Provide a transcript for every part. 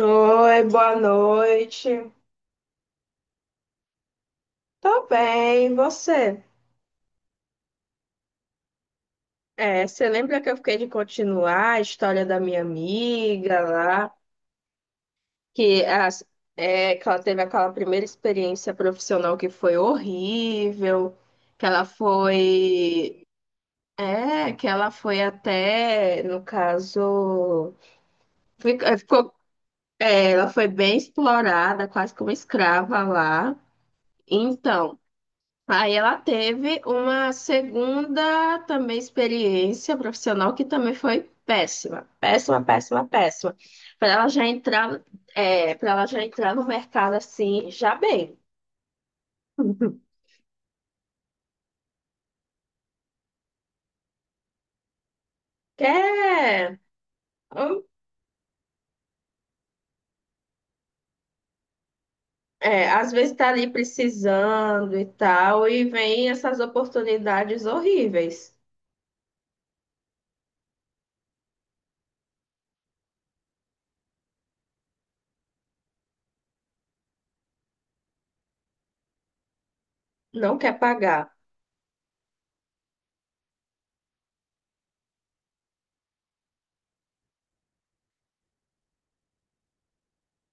Oi, boa noite. Tô bem, e você? É, você lembra que eu fiquei de continuar a história da minha amiga lá, que, as, que ela teve aquela primeira experiência profissional que foi horrível, que ela foi, que ela foi até, no caso, ficou, ela foi bem explorada, quase como escrava lá. Então. Aí ela teve uma segunda também experiência profissional que também foi péssima, péssima, péssima, péssima. Para ela já entrar, para ela já entrar no mercado assim, já bem. Que é, hum, às vezes está ali precisando e tal, e vem essas oportunidades horríveis. Não quer pagar.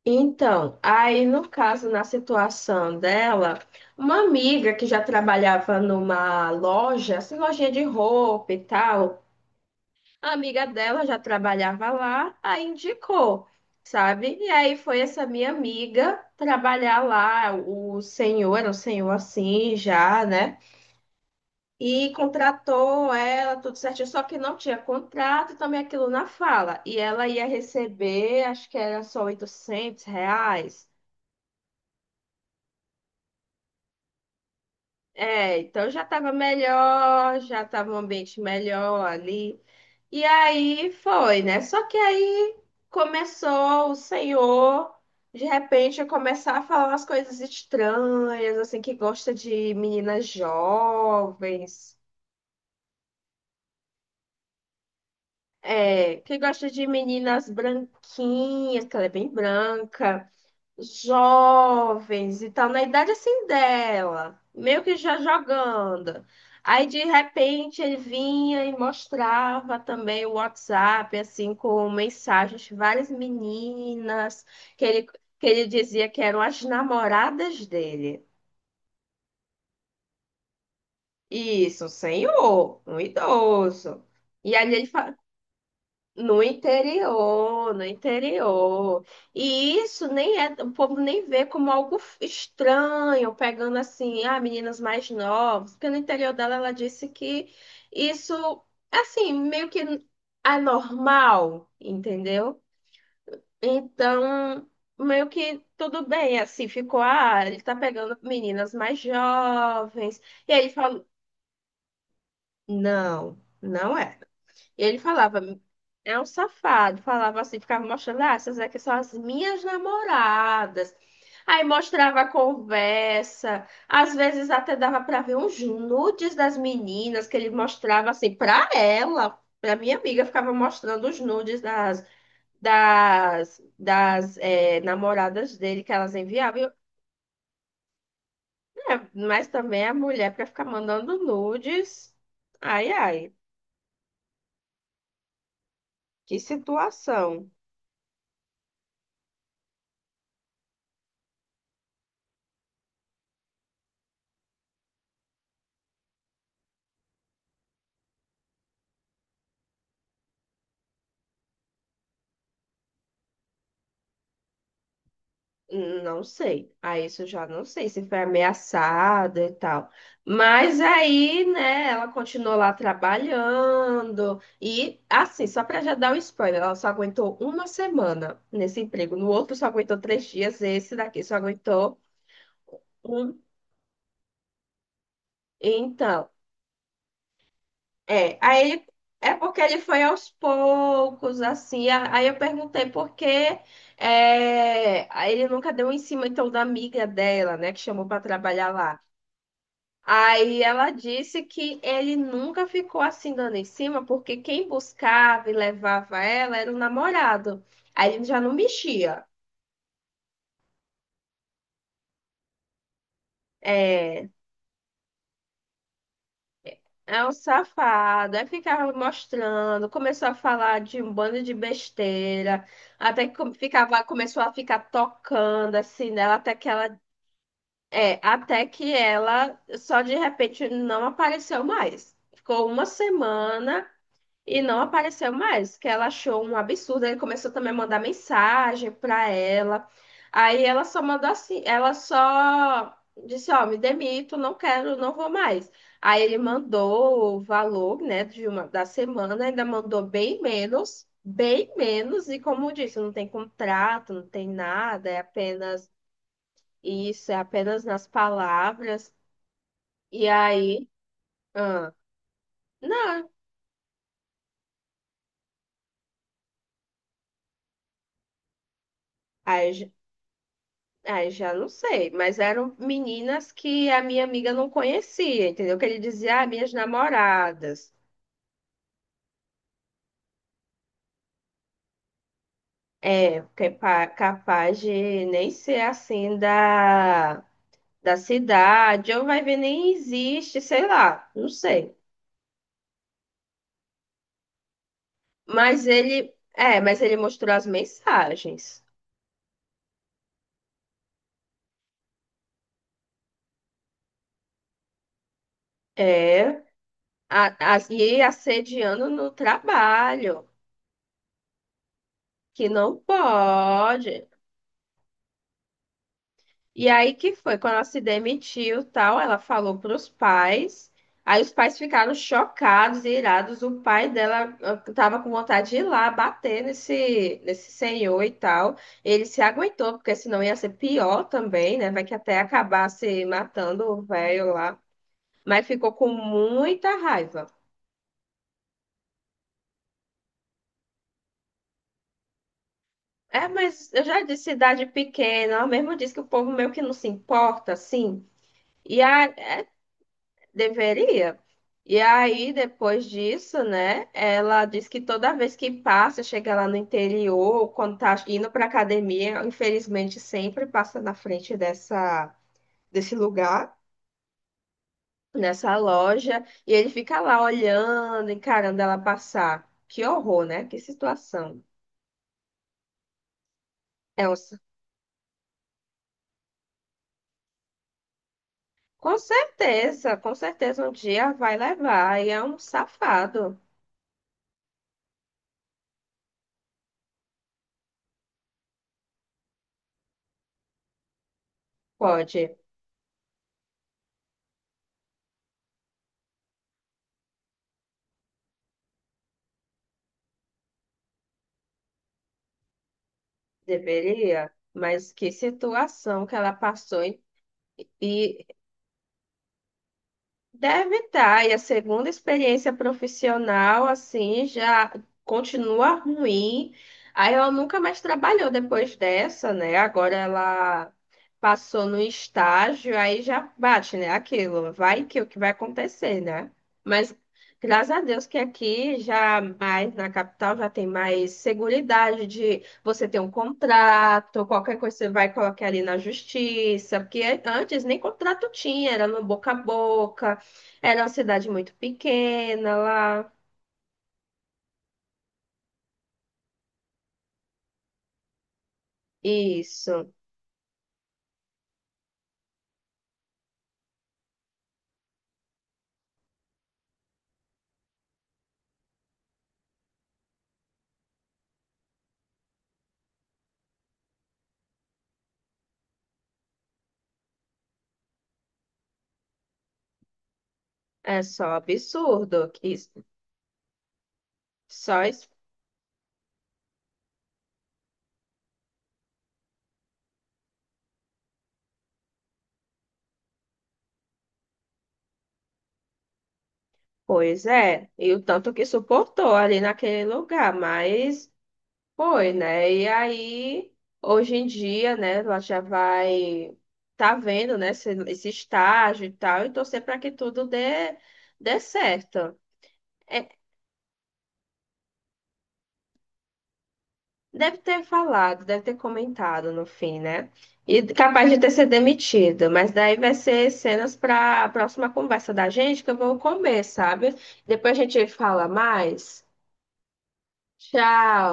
Então, aí no caso, na situação dela, uma amiga que já trabalhava numa loja, assim, lojinha de roupa e tal, a amiga dela já trabalhava lá, aí indicou, sabe? E aí foi essa minha amiga trabalhar lá, o senhor, era um senhor assim já, né? E contratou ela, tudo certinho, só que não tinha contrato, também aquilo na fala. E ela ia receber, acho que era só 800 reais. É, então já estava melhor, já estava um ambiente melhor ali. E aí foi, né? Só que aí começou o senhor, de repente, a começar a falar umas coisas estranhas, assim, que gosta de meninas jovens, que gosta de meninas branquinhas, que ela é bem branca. Jovens e tal, na idade assim dela, meio que já jogando. Aí de repente ele vinha e mostrava também o WhatsApp, assim, com mensagens de várias meninas que ele, que ele dizia que eram as namoradas dele. Isso, um senhor, um idoso. E ali ele. No interior, no interior. E isso nem é, o povo nem vê como algo estranho, pegando assim, ah, meninas mais novas, porque no interior dela ela disse que isso, assim, meio que anormal, entendeu? Então, meio que tudo bem, assim, ficou, ah, ele tá pegando meninas mais jovens. E aí ele falou, não, não é. E ele falava, é um safado, falava assim, ficava mostrando, ah, essas aqui são as minhas namoradas. Aí mostrava a conversa, às vezes até dava para ver uns nudes das meninas que ele mostrava assim para ela, para minha amiga, ficava mostrando os nudes das namoradas dele que elas enviavam. Mas também a mulher para ficar mandando nudes. Ai, ai, que situação. Não sei. Aí isso eu já não sei se foi ameaçada e tal. Mas aí, né, ela continuou lá trabalhando. E, assim, só pra já dar o spoiler, ela só aguentou uma semana nesse emprego. No outro só aguentou 3 dias, esse daqui só aguentou um. Então, é. É porque ele foi aos poucos, assim. Aí eu perguntei por quê. É, aí ele nunca deu em cima, então, da amiga dela, né, que chamou pra trabalhar lá. Aí ela disse que ele nunca ficou assim dando em cima, porque quem buscava e levava ela era o namorado. Aí ele já não mexia. É, é um safado. Aí ficava mostrando, começou a falar de um bando de besteira, até que começou a ficar tocando assim nela, até que ela só de repente não apareceu mais. Ficou uma semana. E não apareceu mais, que ela achou um absurdo. Ele começou também a mandar mensagem pra ela. Aí ela só mandou assim, ela só disse, ó, me demito, não quero, não vou mais. Aí ele mandou o valor, né, de uma da semana, ainda mandou bem menos, bem menos. E como eu disse, não tem contrato, não tem nada, é apenas isso, é apenas nas palavras. E aí, ah, não. Aí já não sei, mas eram meninas que a minha amiga não conhecia, entendeu? Que ele dizia, ah, minhas namoradas. É, que é capaz de nem ser assim da cidade, ou vai ver nem existe, sei lá, não sei. Mas ele mostrou as mensagens. É, e assediando no trabalho, que não pode. E aí que foi, quando ela se demitiu, tal, ela falou para os pais. Aí os pais ficaram chocados e irados. O pai dela estava com vontade de ir lá bater nesse senhor e tal. Ele se aguentou, porque senão ia ser pior também, né? Vai que até acabar se matando o velho lá. Mas ficou com muita raiva. É, mas eu já disse cidade pequena, ela mesmo disse que o povo meio que não se importa, assim. E a, Deveria. E aí, depois disso, né? Ela diz que toda vez que passa, chega lá no interior, quando tá indo pra academia, infelizmente sempre passa na frente dessa, desse lugar, nessa loja, e ele fica lá olhando, encarando ela passar. Que horror, né? Que situação. É um, sa- com certeza um dia vai levar, e é um safado. Pode, deveria. Mas que situação que ela passou. e Deve estar, e a segunda experiência profissional, assim, já continua ruim. Aí ela nunca mais trabalhou depois dessa, né? Agora ela passou no estágio, aí já bate, né? Aquilo, vai que o que vai acontecer, né? Mas graças a Deus que aqui já mais na capital já tem mais seguridade de você ter um contrato, qualquer coisa você vai colocar ali na justiça, porque antes nem contrato tinha, era no boca a boca. Era uma cidade muito pequena lá. Isso. É só absurdo. Isso. Só es- Pois é. E o tanto que suportou ali naquele lugar. Mas foi, né? E aí, hoje em dia, né? Ela já vai. Tá vendo, né? Esse estágio e tal. E torcer para que tudo dê certo. É, deve ter falado, deve ter comentado no fim, né? E capaz de ter sido demitido, mas daí vai ser cenas para a próxima conversa da gente que eu vou comer, sabe? Depois a gente fala mais. Tchau.